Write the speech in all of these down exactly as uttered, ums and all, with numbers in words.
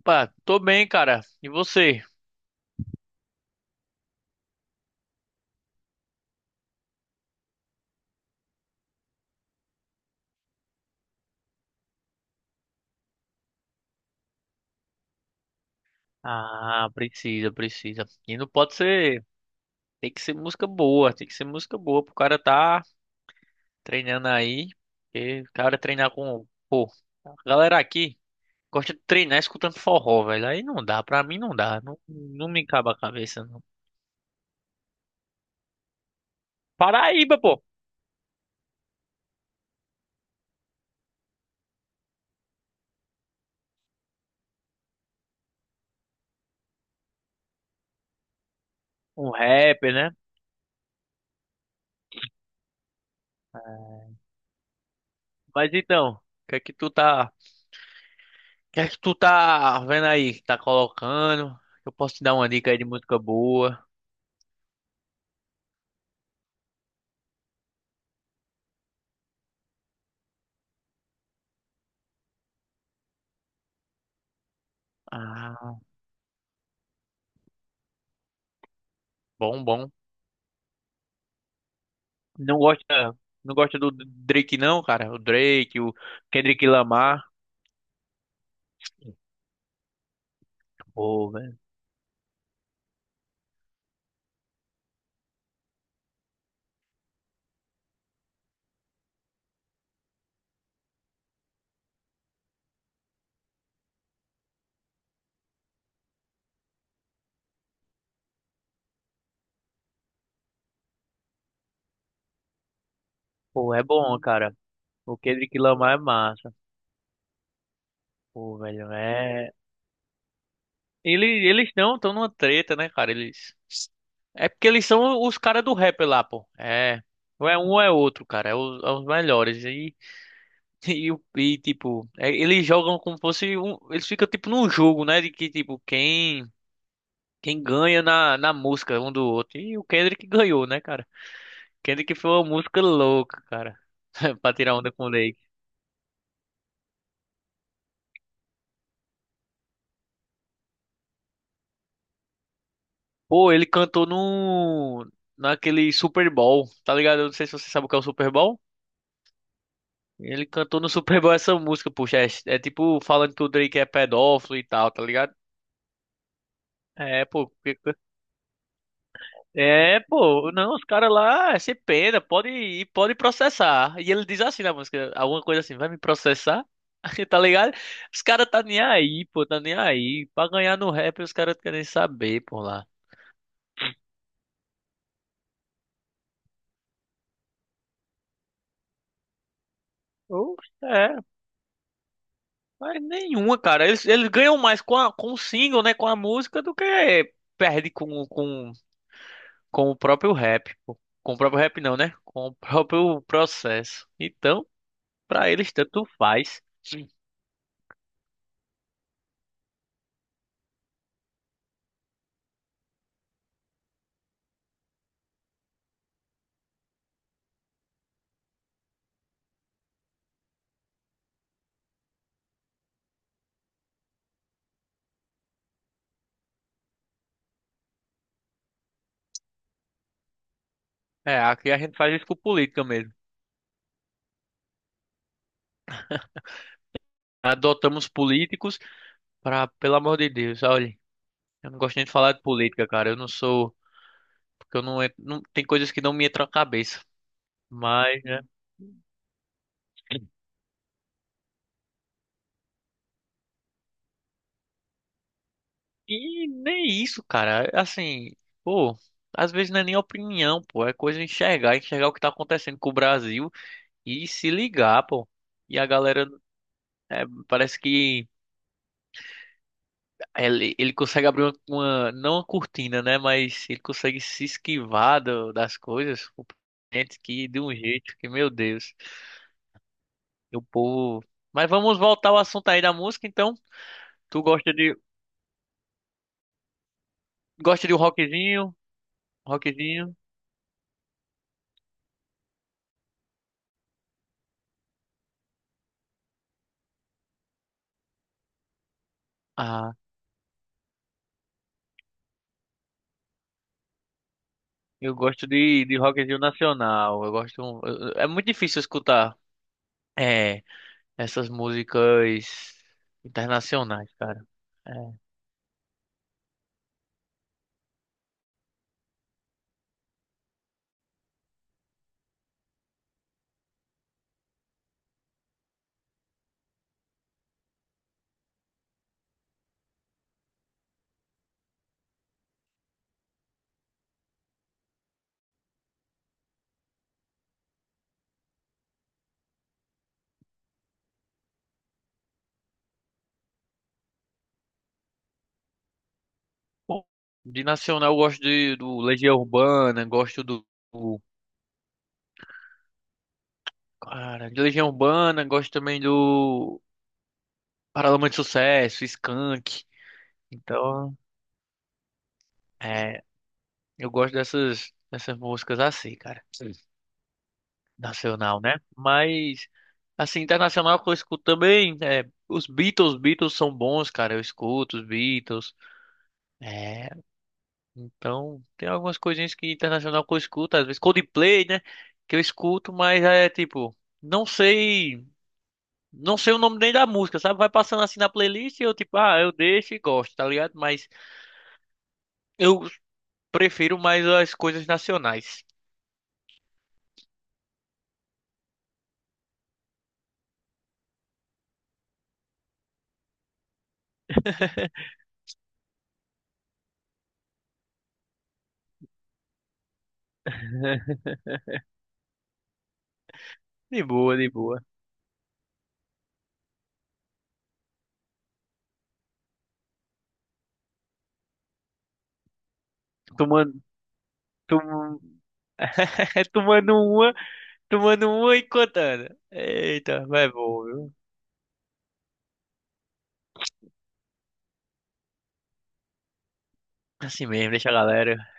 Opa, tô bem, cara. E você? Ah, precisa, precisa. E não pode ser. Tem que ser música boa, tem que ser música boa pro cara tá treinando aí. Porque o cara treinar com. Pô, a galera aqui gosta de treinar escutando forró, velho. Aí não dá, pra mim não dá. Não, não me cabe a cabeça, não. Paraíba, pô. Um rapper, né? É. Mas então, o que é que tu tá. O que é que tu tá vendo aí? Que tá colocando? Eu posso te dar uma dica aí de música boa. Ah, bom, bom. Não gosta, não gosta do Drake não, cara. O Drake, o Kendrick Lamar. Pô, velho. Pô, é bom, cara. O Kendrick Lamar é massa. Pô, velho, é. Ele, eles não estão numa treta, né, cara? Eles. É porque eles são os caras do rap lá, pô. É. Ou é um ou é outro, cara. É os, é os melhores. E, e, o- e, tipo, é, eles jogam como fosse um. Eles ficam tipo num jogo, né? De que, tipo, quem. Quem ganha na, na música um do outro. E o Kendrick ganhou, né, cara? Kendrick foi uma música louca, cara. Pra tirar onda com o Drake. Pô, ele cantou no... Naquele Super Bowl, tá ligado? Eu não sei se você sabe o que é o Super Bowl. Ele cantou no Super Bowl essa música, poxa. É, é tipo falando que o Drake é pedófilo e tal, tá ligado? É, pô. que- É, pô. Não, os caras lá, é sem pena. Pode ir, pode processar. E ele diz assim na música, alguma coisa assim, vai me processar? Tá ligado? Os caras tá nem aí, pô. Tá nem aí. Pra ganhar no rap, os caras querem saber, pô, lá. Ou- É, mas nenhuma, cara. Eles, eles ganham mais com, a, com o single, né? Com a música do que perde com, com, com o próprio rap. Pô. Com o próprio rap, não, né? Com o próprio processo. Então, pra eles, tanto faz. Sim. É, aqui a gente faz isso com política mesmo. Adotamos políticos pra, pelo amor de Deus, olha. Eu não gosto nem de falar de política, cara. Eu não sou. Porque eu não. En- não tem coisas que não me entram na cabeça. Mas, né? E nem isso, cara. Assim, pô, às vezes não é nem opinião, pô. É coisa de enxergar, enxergar o que tá acontecendo com o Brasil e se ligar, pô. E a galera, é, parece que ele, ele consegue abrir uma, uma- não uma cortina, né? Mas ele consegue se esquivar do- das coisas. O presidente, que de um jeito que, meu Deus, o povo. Mas vamos voltar ao assunto aí da música, então. Tu gosta de, gosta de um rockzinho? Rockzinho? Ah, eu gosto de, de rockzinho nacional. Eu gosto. eu- É muito difícil escutar é, essas músicas internacionais, cara. É. Bom, de nacional eu gosto de, do Legião Urbana, gosto do, do- cara, de Legião Urbana, gosto também do Paralamas de Sucesso, Skank. Então, é, eu gosto dessas dessas músicas assim, cara. Nacional, né? Mas, assim, internacional que eu escuto também, é, os Beatles, Beatles são bons, cara, eu escuto os Beatles, é, então, tem algumas coisinhas que internacional que eu escuto, às vezes Coldplay, né, que eu escuto, mas é, tipo, não sei, não sei o nome nem da música, sabe? Vai passando assim na playlist e eu, tipo, ah, eu deixo e gosto, tá ligado? Mas eu prefiro mais as coisas nacionais. De boa, de boa. Tomando, tom- tomando uma. Tomando uma e contando. Eita, vai bom, viu? Assim mesmo, deixa a galera. É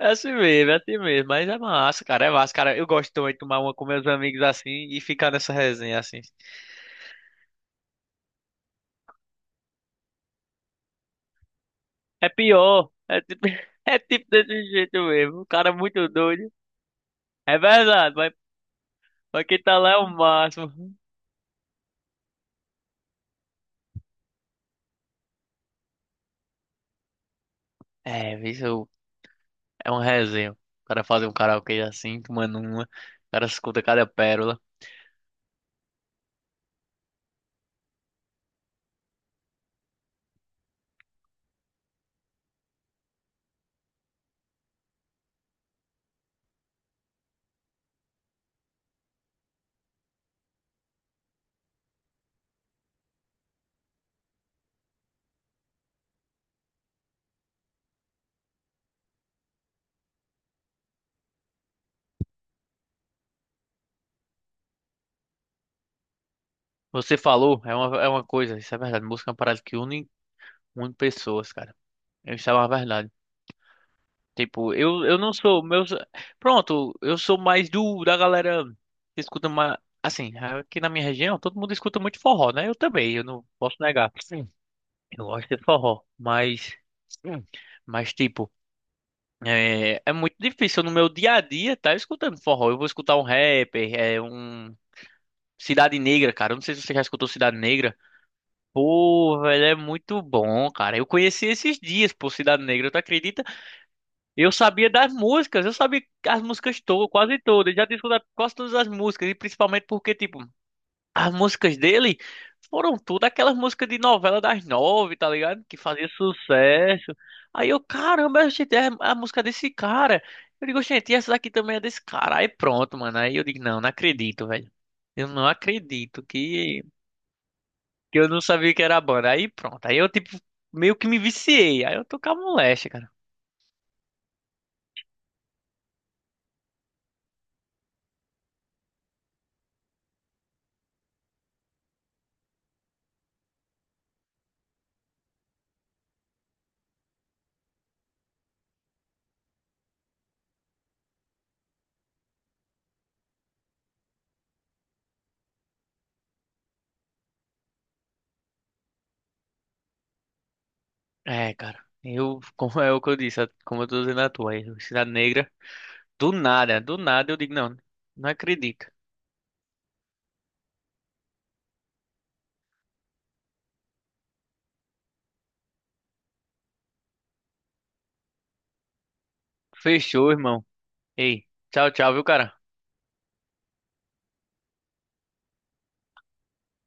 assim mesmo, é assim mesmo. Mas é massa, cara. É massa, cara. Eu gosto também de tomar uma com meus amigos assim e ficar nessa resenha assim. É pior. É tipo, é tipo desse jeito mesmo. O cara é muito doido. É verdade, mas, mas quem tá lá é o máximo. É, isso é um resenha. O cara fazer um karaokê assim, tomando uma. O cara escuta cada pérola. Você falou, é uma, é uma coisa, isso é verdade. Música é uma parada que une, une pessoas, cara. Isso é uma verdade. Tipo, eu, eu não sou. Meus... Pronto, eu sou mais do da galera que escuta mais. Assim, aqui na minha região, todo mundo escuta muito forró, né? Eu também, eu não posso negar. Eu gosto de forró, mas. Hum. Mas, tipo, é, é muito difícil no meu dia a dia tá escutando forró. Eu vou escutar um rapper, é um. Cidade Negra, cara. Eu não sei se você já escutou Cidade Negra. Pô, velho, é muito bom, cara. Eu conheci esses dias, pô, Cidade Negra, tu acredita? Eu sabia das músicas, eu sabia as músicas todas, quase todas, já tinha escutado quase todas as músicas, e principalmente porque, tipo, as músicas dele foram tudo aquelas músicas de novela das nove, tá ligado? Que fazia sucesso. Aí eu, caramba, gente, é a música desse cara. Eu digo, gente, e essa daqui também é desse cara. Aí pronto, mano, aí eu digo, não, não acredito, velho. Eu não acredito que, que eu não sabia que era a banda. Aí pronto, aí eu, tipo, meio que me viciei, aí eu tocava moléstia. É, cara. Eu, como é o que eu disse, como eu tô dizendo a tua aí, Cidade Negra. Do nada, do nada eu digo, não, não acredito. Fechou, irmão. Ei, tchau, tchau, viu, cara?